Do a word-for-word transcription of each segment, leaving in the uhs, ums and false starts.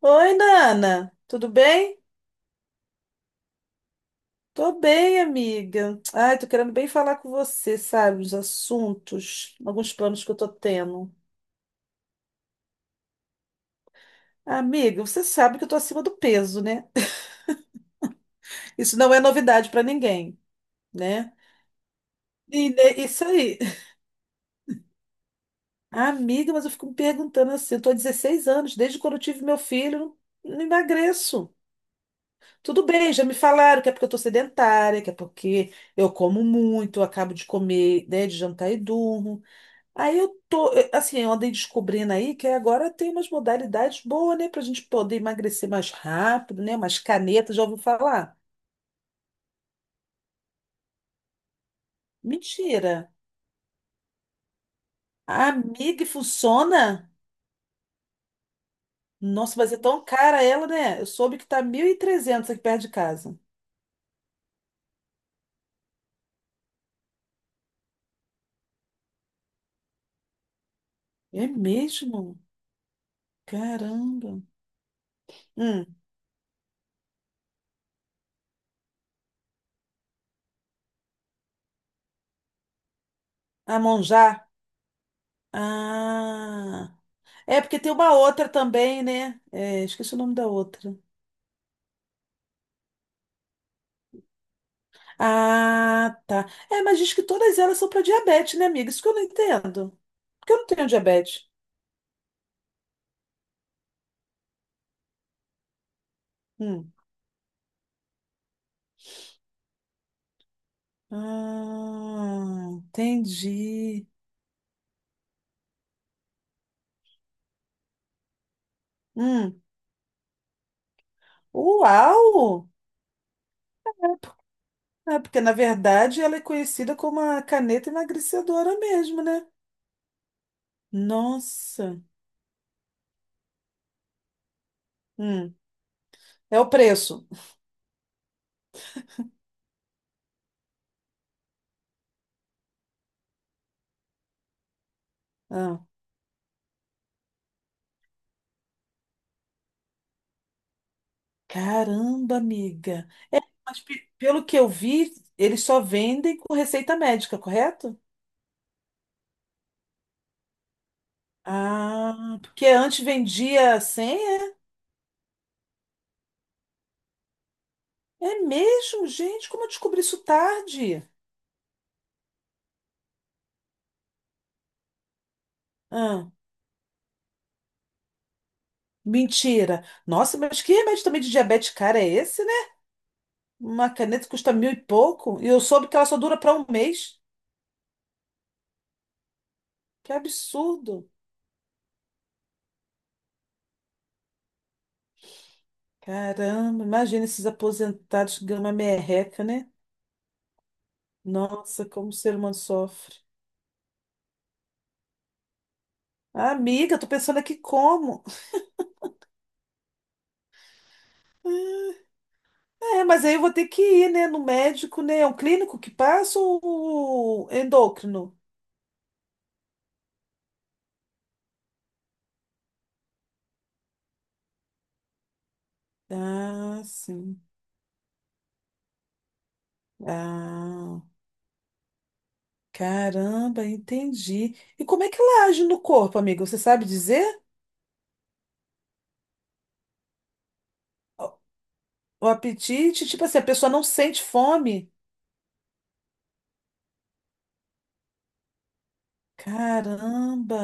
Oi, Nana, tudo bem? Tô bem, amiga. Ai, tô querendo bem falar com você, sabe, os assuntos, alguns planos que eu tô tendo. Amiga, você sabe que eu tô acima do peso, né? Isso não é novidade pra ninguém, né? E né, isso aí. Amiga, mas eu fico me perguntando assim, eu tô há dezesseis anos, desde quando eu tive meu filho, não não emagreço. Tudo bem, já me falaram que é porque eu tô sedentária, que é porque eu como muito, eu acabo de comer, né, de jantar e durmo. Aí eu tô, eh, assim, eu andei descobrindo aí que agora tem umas modalidades boas, né, pra gente poder emagrecer mais rápido, né? Umas canetas, já ouviu falar? Mentira. Amiga, e funciona? Nossa, mas é tão cara ela, né? Eu soube que tá mil e trezentos aqui perto de casa. É mesmo? Caramba. Hum, a Monjá? Ah. É porque tem uma outra também, né? É, esqueci o nome da outra. Ah, tá. É, mas diz que todas elas são para diabetes, né, amiga? Isso que eu não entendo. Porque eu não tenho diabetes. Hum. Ah, entendi. Hum. Uau! É, porque na verdade ela é conhecida como a caneta emagrecedora mesmo, né? Nossa. Hum. É o preço. Ah. Caramba, amiga. Mas pe- pelo que eu vi, eles só vendem com receita médica, correto? Ah, porque antes vendia sem. É mesmo, gente? Como eu descobri isso tarde? Ah, mentira. Nossa, mas que remédio também de diabetes cara é esse, né? Uma caneta que custa mil e pouco e eu soube que ela só dura para um mês. Que absurdo. Caramba, imagina esses aposentados gama merreca, né? Nossa, como o ser humano sofre. Amiga, tô pensando aqui como. É, mas aí eu vou ter que ir, né, no médico, né? É um clínico que passa ou endócrino? Ah, sim. Ah. Caramba, entendi. E como é que ela age no corpo, amigo? Você sabe dizer? O o apetite, tipo assim, a pessoa não sente fome? Caramba.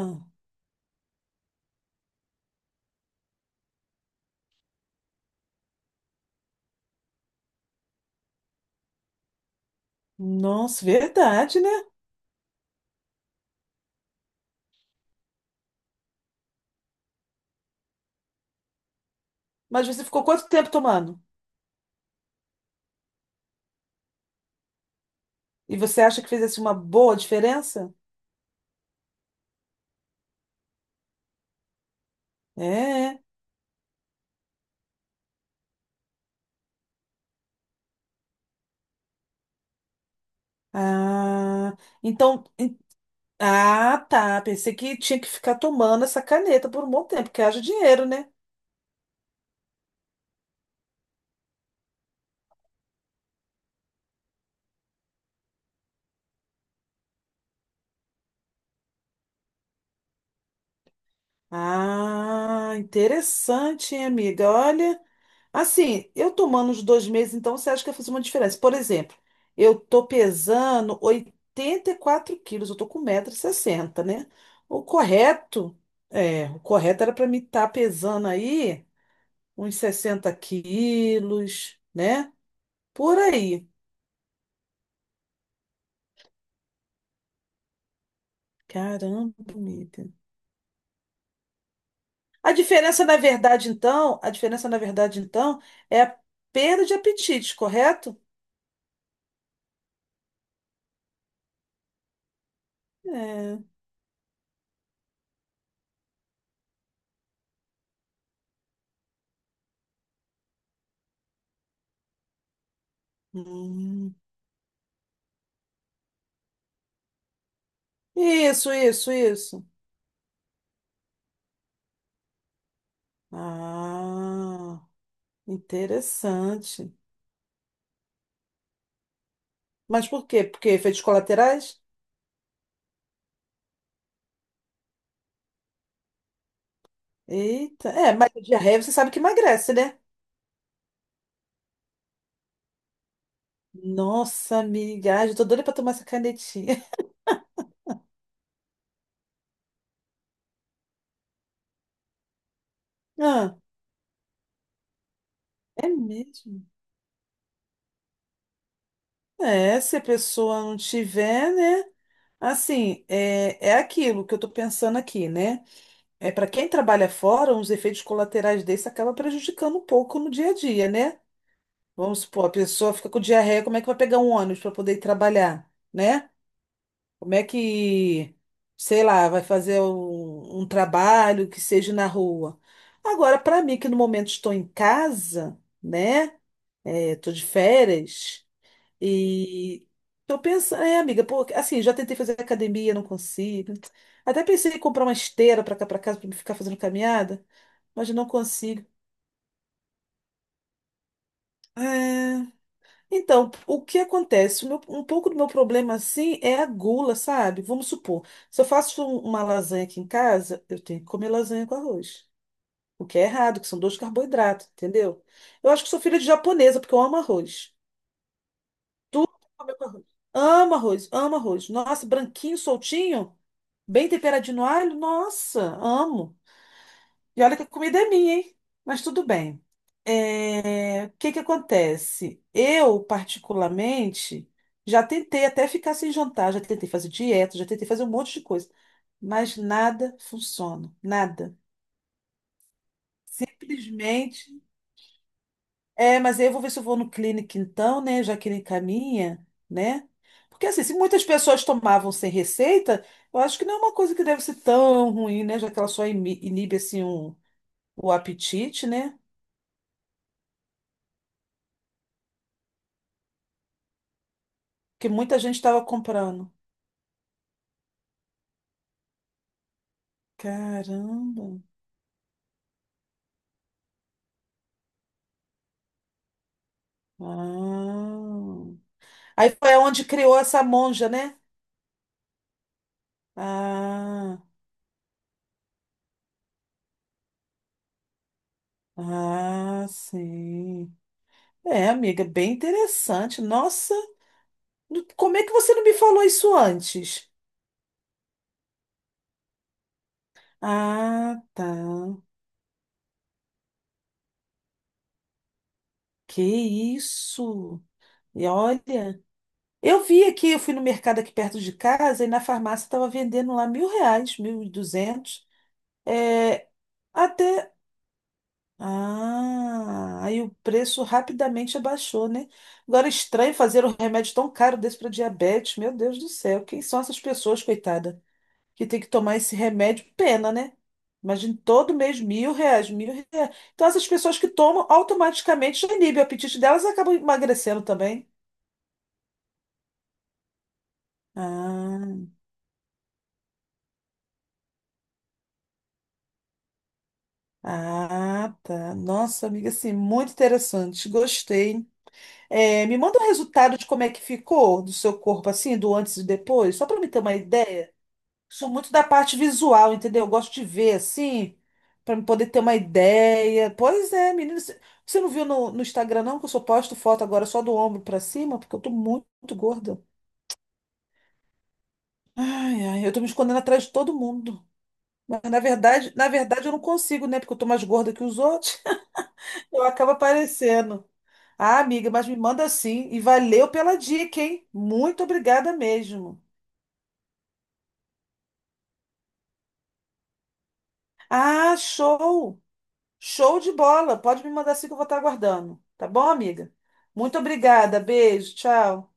Nossa, verdade, né? Mas você ficou quanto tempo tomando? E você acha que fez assim uma boa diferença? É. Ah, então, en- ah, tá. Pensei que tinha que ficar tomando essa caneta por um bom tempo, porque haja dinheiro, né? Ah, interessante, hein, amiga? Olha, assim, eu tomando os dois meses, então você acha que vai fazer uma diferença? Por exemplo, eu tô pesando oitenta e quatro quilos, eu tô com 160 sessenta, né? O correto, é, o correto era para mim estar pesando aí uns sessenta quilos, né? Por aí. Caramba, amiga. A diferença, na verdade, então, a diferença, na verdade, então, é a perda de apetite, correto? É. Hum. Isso, isso, isso. Ah, interessante. Mas por quê? Porque efeitos colaterais? Eita, é, mas a diarreia você sabe que emagrece, né? Nossa, amiga, ai, eu tô doida pra tomar essa canetinha. Ah, é mesmo? É, se a pessoa não tiver, né? Assim, é, é aquilo que eu tô pensando aqui, né? É para quem trabalha fora, os efeitos colaterais desse acaba prejudicando um pouco no dia a dia, né? Vamos supor, a pessoa fica com diarreia, como é que vai pegar um ônibus para poder ir trabalhar, né? Como é que, sei lá, vai fazer um, um trabalho que seja na rua? Agora, para mim, que no momento estou em casa, né? Estou de férias e eu penso, é, amiga, pô, assim, já tentei fazer academia, não consigo. Até pensei em comprar uma esteira para cá para casa para ficar fazendo caminhada, mas não consigo. É. Então, o que acontece? O meu- um pouco do meu problema assim é a gula, sabe? Vamos supor, se eu faço um- uma lasanha aqui em casa, eu tenho que comer lasanha com arroz, o que é errado, que são dois carboidratos, entendeu? Eu acho que sou filha de japonesa, porque eu amo arroz. Comer com arroz. Amo arroz, amo arroz. Nossa, branquinho, soltinho, bem temperadinho no alho, nossa, amo. E olha que a comida é minha, hein? Mas tudo bem. É, o que que acontece? Eu, particularmente, já tentei até ficar sem jantar, já tentei fazer dieta, já tentei fazer um monte de coisa, mas nada funciona, nada. Simplesmente. É, mas aí eu vou ver se eu vou no clínico então, né? Já que ele encaminha, né? Porque assim, se muitas pessoas tomavam sem receita, eu acho que não é uma coisa que deve ser tão ruim, né? Já que ela só imi- inibe assim um, o apetite, né? Que muita gente estava comprando. Caramba. Ah. Aí foi onde criou essa monja, né? Ah, ah, sim. É, amiga, bem interessante. Nossa, como é que você não me falou isso antes? Ah, tá. Que isso? E olha, eu vi aqui, eu fui no mercado aqui perto de casa e na farmácia estava vendendo lá mil reais, mil e duzentos. É, até. Ah, aí o preço rapidamente abaixou, né? Agora, é estranho fazer um remédio tão caro desse para diabetes. Meu Deus do céu, quem são essas pessoas, coitada, que tem que tomar esse remédio? Pena, né? Imagina todo mês mil reais, mil reais. Então, essas pessoas que tomam automaticamente já inibe o apetite delas e acabam emagrecendo também. Ah, ah, tá. Nossa, amiga, assim, muito interessante. Gostei. É, me manda o resultado de como é que ficou do seu corpo, assim, do antes e depois, só para me ter uma ideia. Sou muito da parte visual, entendeu? Eu gosto de ver, assim, para me poder ter uma ideia. Pois é, menina, você você não viu no, no Instagram, não, que eu só posto foto agora só do ombro para cima, porque eu tô muito gorda. Ai, ai, eu tô me escondendo atrás de todo mundo. Mas na verdade, na verdade eu não consigo, né? Porque eu tô mais gorda que os outros. Eu acabo aparecendo. Ah, amiga, mas me manda sim. E valeu pela dica, hein? Muito obrigada mesmo. Ah, show! Show de bola! Pode me mandar sim que eu vou estar aguardando. Tá bom, amiga? Muito obrigada. Beijo, tchau.